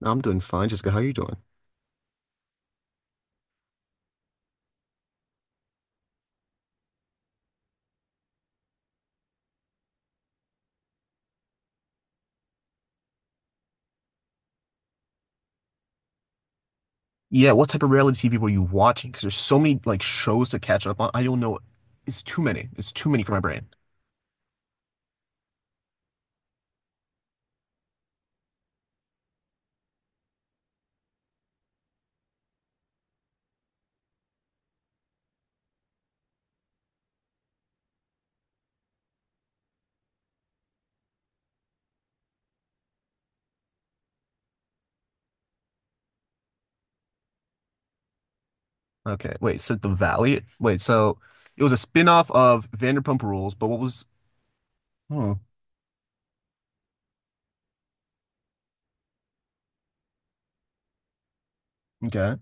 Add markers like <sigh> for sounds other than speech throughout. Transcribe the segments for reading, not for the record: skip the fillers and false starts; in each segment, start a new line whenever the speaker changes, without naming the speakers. No, I'm doing fine, Jessica. How are you doing? Yeah, what type of reality TV were you watching? Because there's so many like shows to catch up on. I don't know. It's too many. It's too many for my brain. Okay, wait. So The Valley. Wait, so it was a spin-off of Vanderpump Rules, but what was? Hmm. Okay.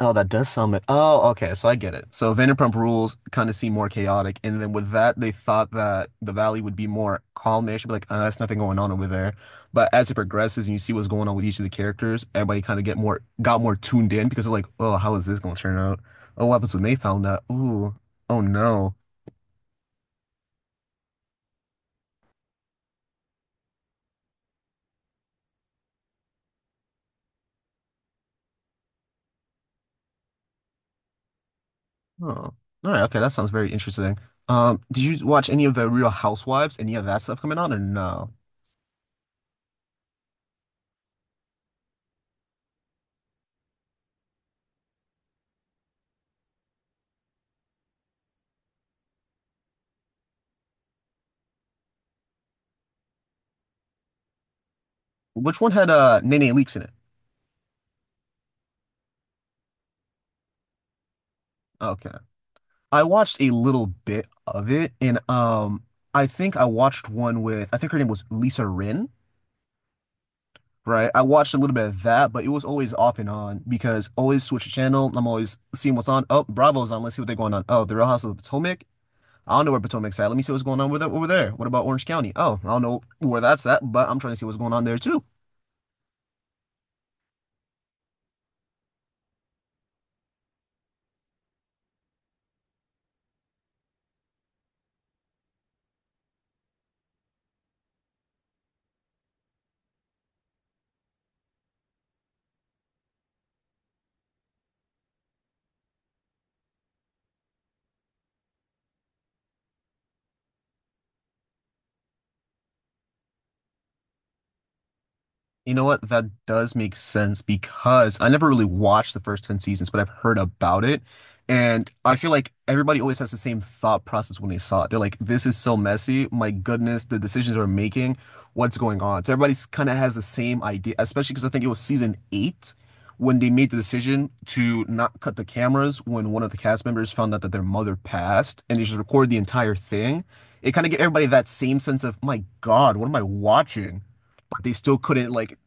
Oh, that does sound. Oh, okay. So I get it. So Vanderpump Rules kind of seem more chaotic, and then with that, they thought that the valley would be more calmish, but like, there's nothing going on over there. But as it progresses and you see what's going on with each of the characters, everybody kind of get more got more tuned in because they're like, oh, how is this going to turn out? Oh, what happens when they found out? Ooh, oh no. Oh, all right. Okay, that sounds very interesting. Did you watch any of the Real Housewives? Any of that stuff coming on, or no? Which one had Nene Leakes in it? Okay. I watched a little bit of it, and I think I watched one with I think her name was Lisa Rin, right? I watched a little bit of that, but it was always off and on because always switch the channel. I'm always seeing what's on. Oh, Bravo's on. Let's see what they're going on. Oh, The Real Housewives of Potomac. I don't know where Potomac's at. Let me see what's going on with it over there. What about Orange County? Oh, I don't know where that's at, but I'm trying to see what's going on there too. You know what? That does make sense because I never really watched the first 10 seasons, but I've heard about it. And I feel like everybody always has the same thought process when they saw it. They're like, this is so messy. My goodness, the decisions we're making, what's going on? So everybody's kind of has the same idea, especially because I think it was season eight when they made the decision to not cut the cameras when one of the cast members found out that their mother passed and they just recorded the entire thing. It kind of gave everybody that same sense of, my God, what am I watching? But they still couldn't like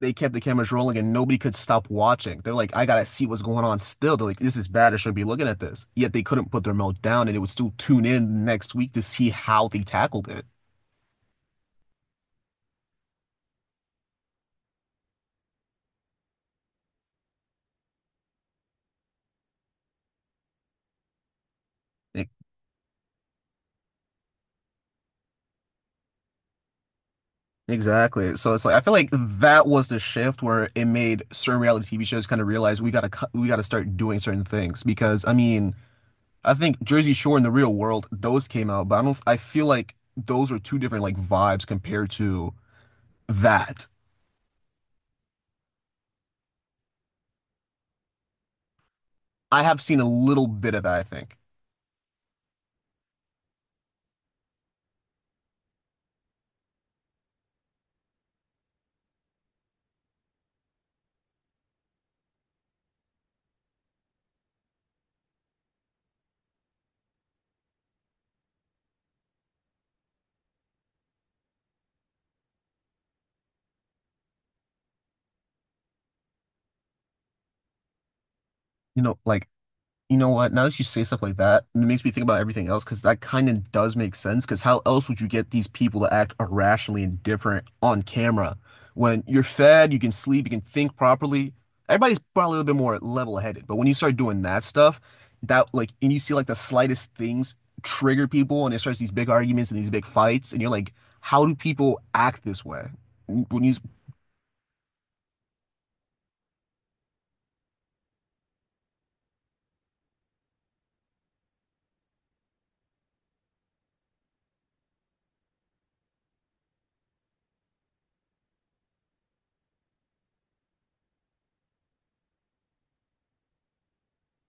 they kept the cameras rolling and nobody could stop watching. They're like, I gotta see what's going on still. They're like, this is bad. I shouldn't be looking at this. Yet they couldn't put their mouth down and it would still tune in next week to see how they tackled it. E- Exactly. So it's like I feel like that was the shift where it made certain reality TV shows kind of realize we gotta cut, we gotta start doing certain things because I mean I think Jersey Shore in the real world those came out, but I don't I feel like those are two different like vibes compared to that. I have seen a little bit of that, I think. You know, like You know what? Now that you say stuff like that, it makes me think about everything else because that kind of does make sense. Because how else would you get these people to act irrationally indifferent on camera when you're fed, you can sleep, you can think properly? Everybody's probably a little bit more level-headed, but when you start doing that stuff, that like, and you see like the slightest things trigger people, and it starts these big arguments and these big fights, and you're like, how do people act this way? Mm, When you,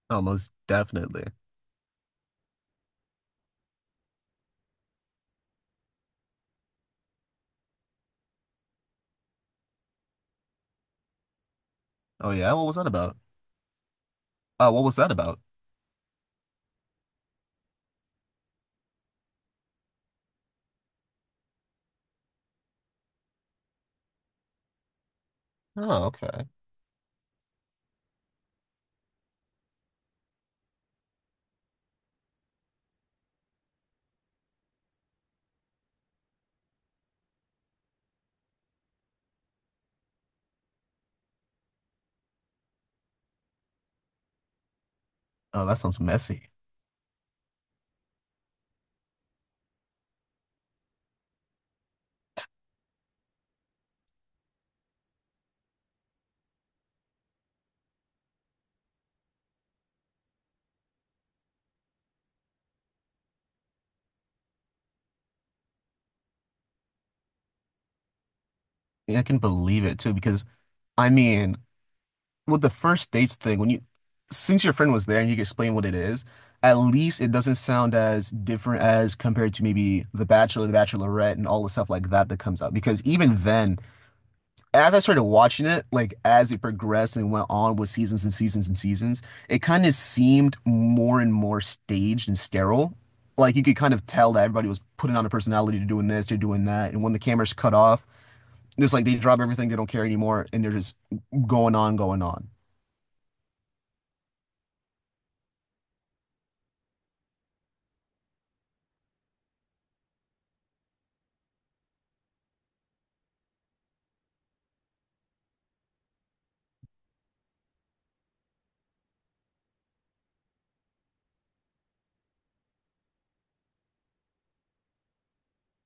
oh, most definitely. Oh yeah, what was that about? Oh, what was that about? Oh, okay. Oh, that sounds messy. Yeah, I can believe it too, because I mean, with the first dates thing, when you since your friend was there and you can explain what it is, at least it doesn't sound as different as compared to maybe The Bachelor, The Bachelorette, and all the stuff like that that comes out. Because even then, as I started watching it, like as it progressed and went on with seasons and seasons and seasons, it kind of seemed more and more staged and sterile. Like you could kind of tell that everybody was putting on a personality to doing this, they're doing that, and when the cameras cut off. It's like they drop everything, they don't care anymore, and they're just going on, going on.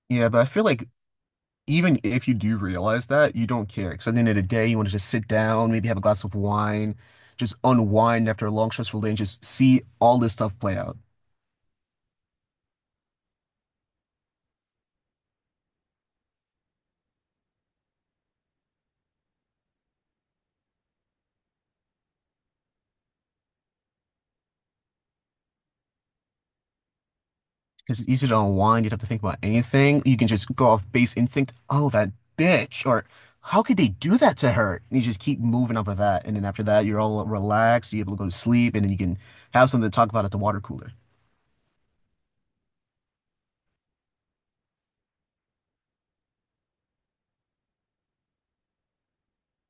Yeah, but I feel like even if you do realize that, you don't care. Because at the end of the day, you want to just sit down, maybe have a glass of wine, just unwind after a long, stressful day and just see all this stuff play out. Cause it's easier to unwind. You don't have to think about anything. You can just go off base instinct. Oh, that bitch. Or how could they do that to her? And you just keep moving up with that. And then after that, you're all relaxed. You're able to go to sleep. And then you can have something to talk about at the water cooler.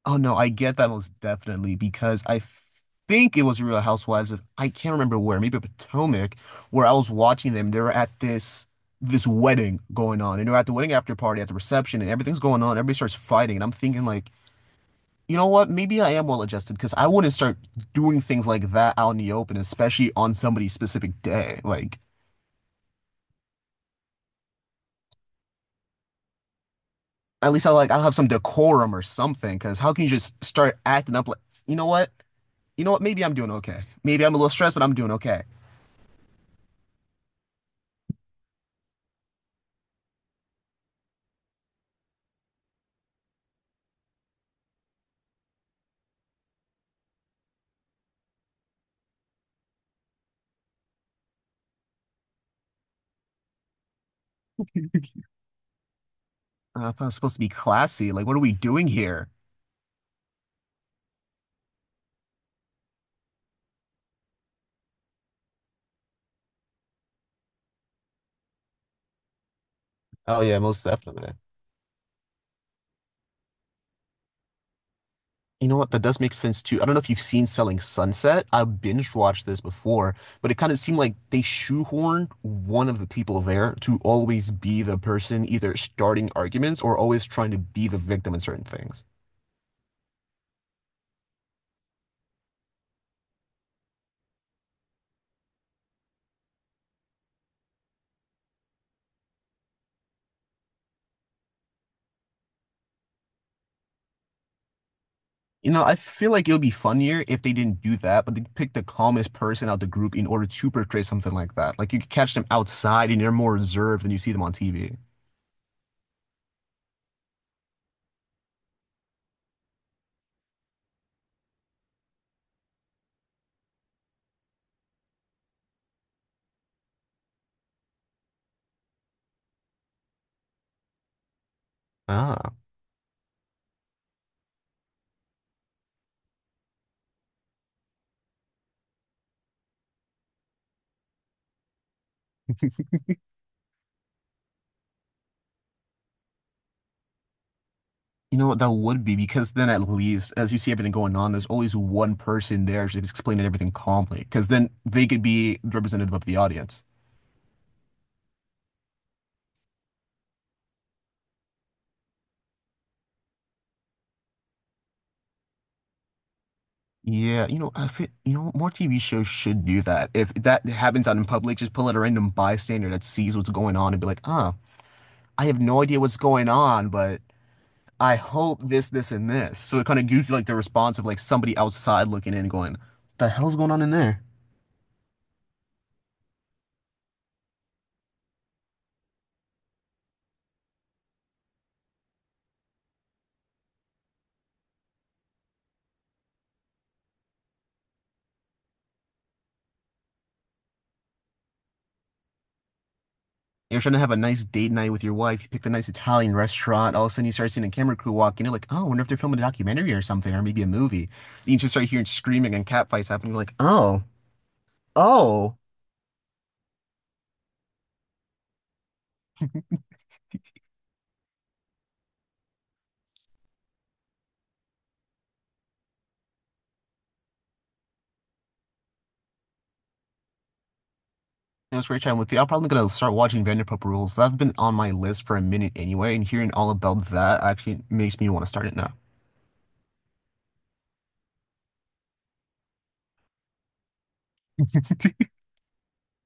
Oh, no, I get that most definitely because I think it was Real Housewives of, I can't remember where, maybe Potomac, where I was watching them. They were at this. This wedding going on, and they're at the wedding after party at the reception, and everything's going on. Everybody starts fighting, and I'm thinking like, you know what? Maybe I am well adjusted because I wouldn't start doing things like that out in the open, especially on somebody's specific day. Like, at least I'll have some decorum or something. Because how can you just start acting up like, you know what? You know what? Maybe I'm doing okay. Maybe I'm a little stressed, but I'm doing okay. I thought I was supposed to be classy. Like, what are we doing here? Oh yeah, most definitely. You know what? That does make sense too. I don't know if you've seen Selling Sunset. I binge watched this before, but it kind of seemed like they shoehorned one of the people there to always be the person either starting arguments or always trying to be the victim in certain things. You know, I feel like it would be funnier if they didn't do that, but they picked the calmest person out the group in order to portray something like that. Like you could catch them outside and they're more reserved than you see them on TV. Ah, you know what? That would be because then at least as you see everything going on, there's always one person there just explaining everything calmly because then they could be representative of the audience. Yeah, you know, I fit, you know, More TV shows should do that. If that happens out in public, just pull out a random bystander that sees what's going on and be like, ah, I have no idea what's going on, but I hope this, this, and this. So it kind of gives you like the response of like somebody outside looking in, going, "The hell's going on in there?" You're trying to have a nice date night with your wife. You picked a nice Italian restaurant. All of a sudden, you start seeing a camera crew walk in. You're like, "Oh, I wonder if they're filming a documentary or something, or maybe a movie." You just start hearing screaming and catfights happening. You're like, "Oh, oh." It was great chatting with you. I'm probably gonna start watching Vanderpump Rules. That's been on my list for a minute anyway, and hearing all about that actually makes me want to start it now.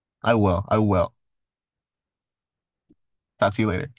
<laughs> I will. I will. Talk to you later.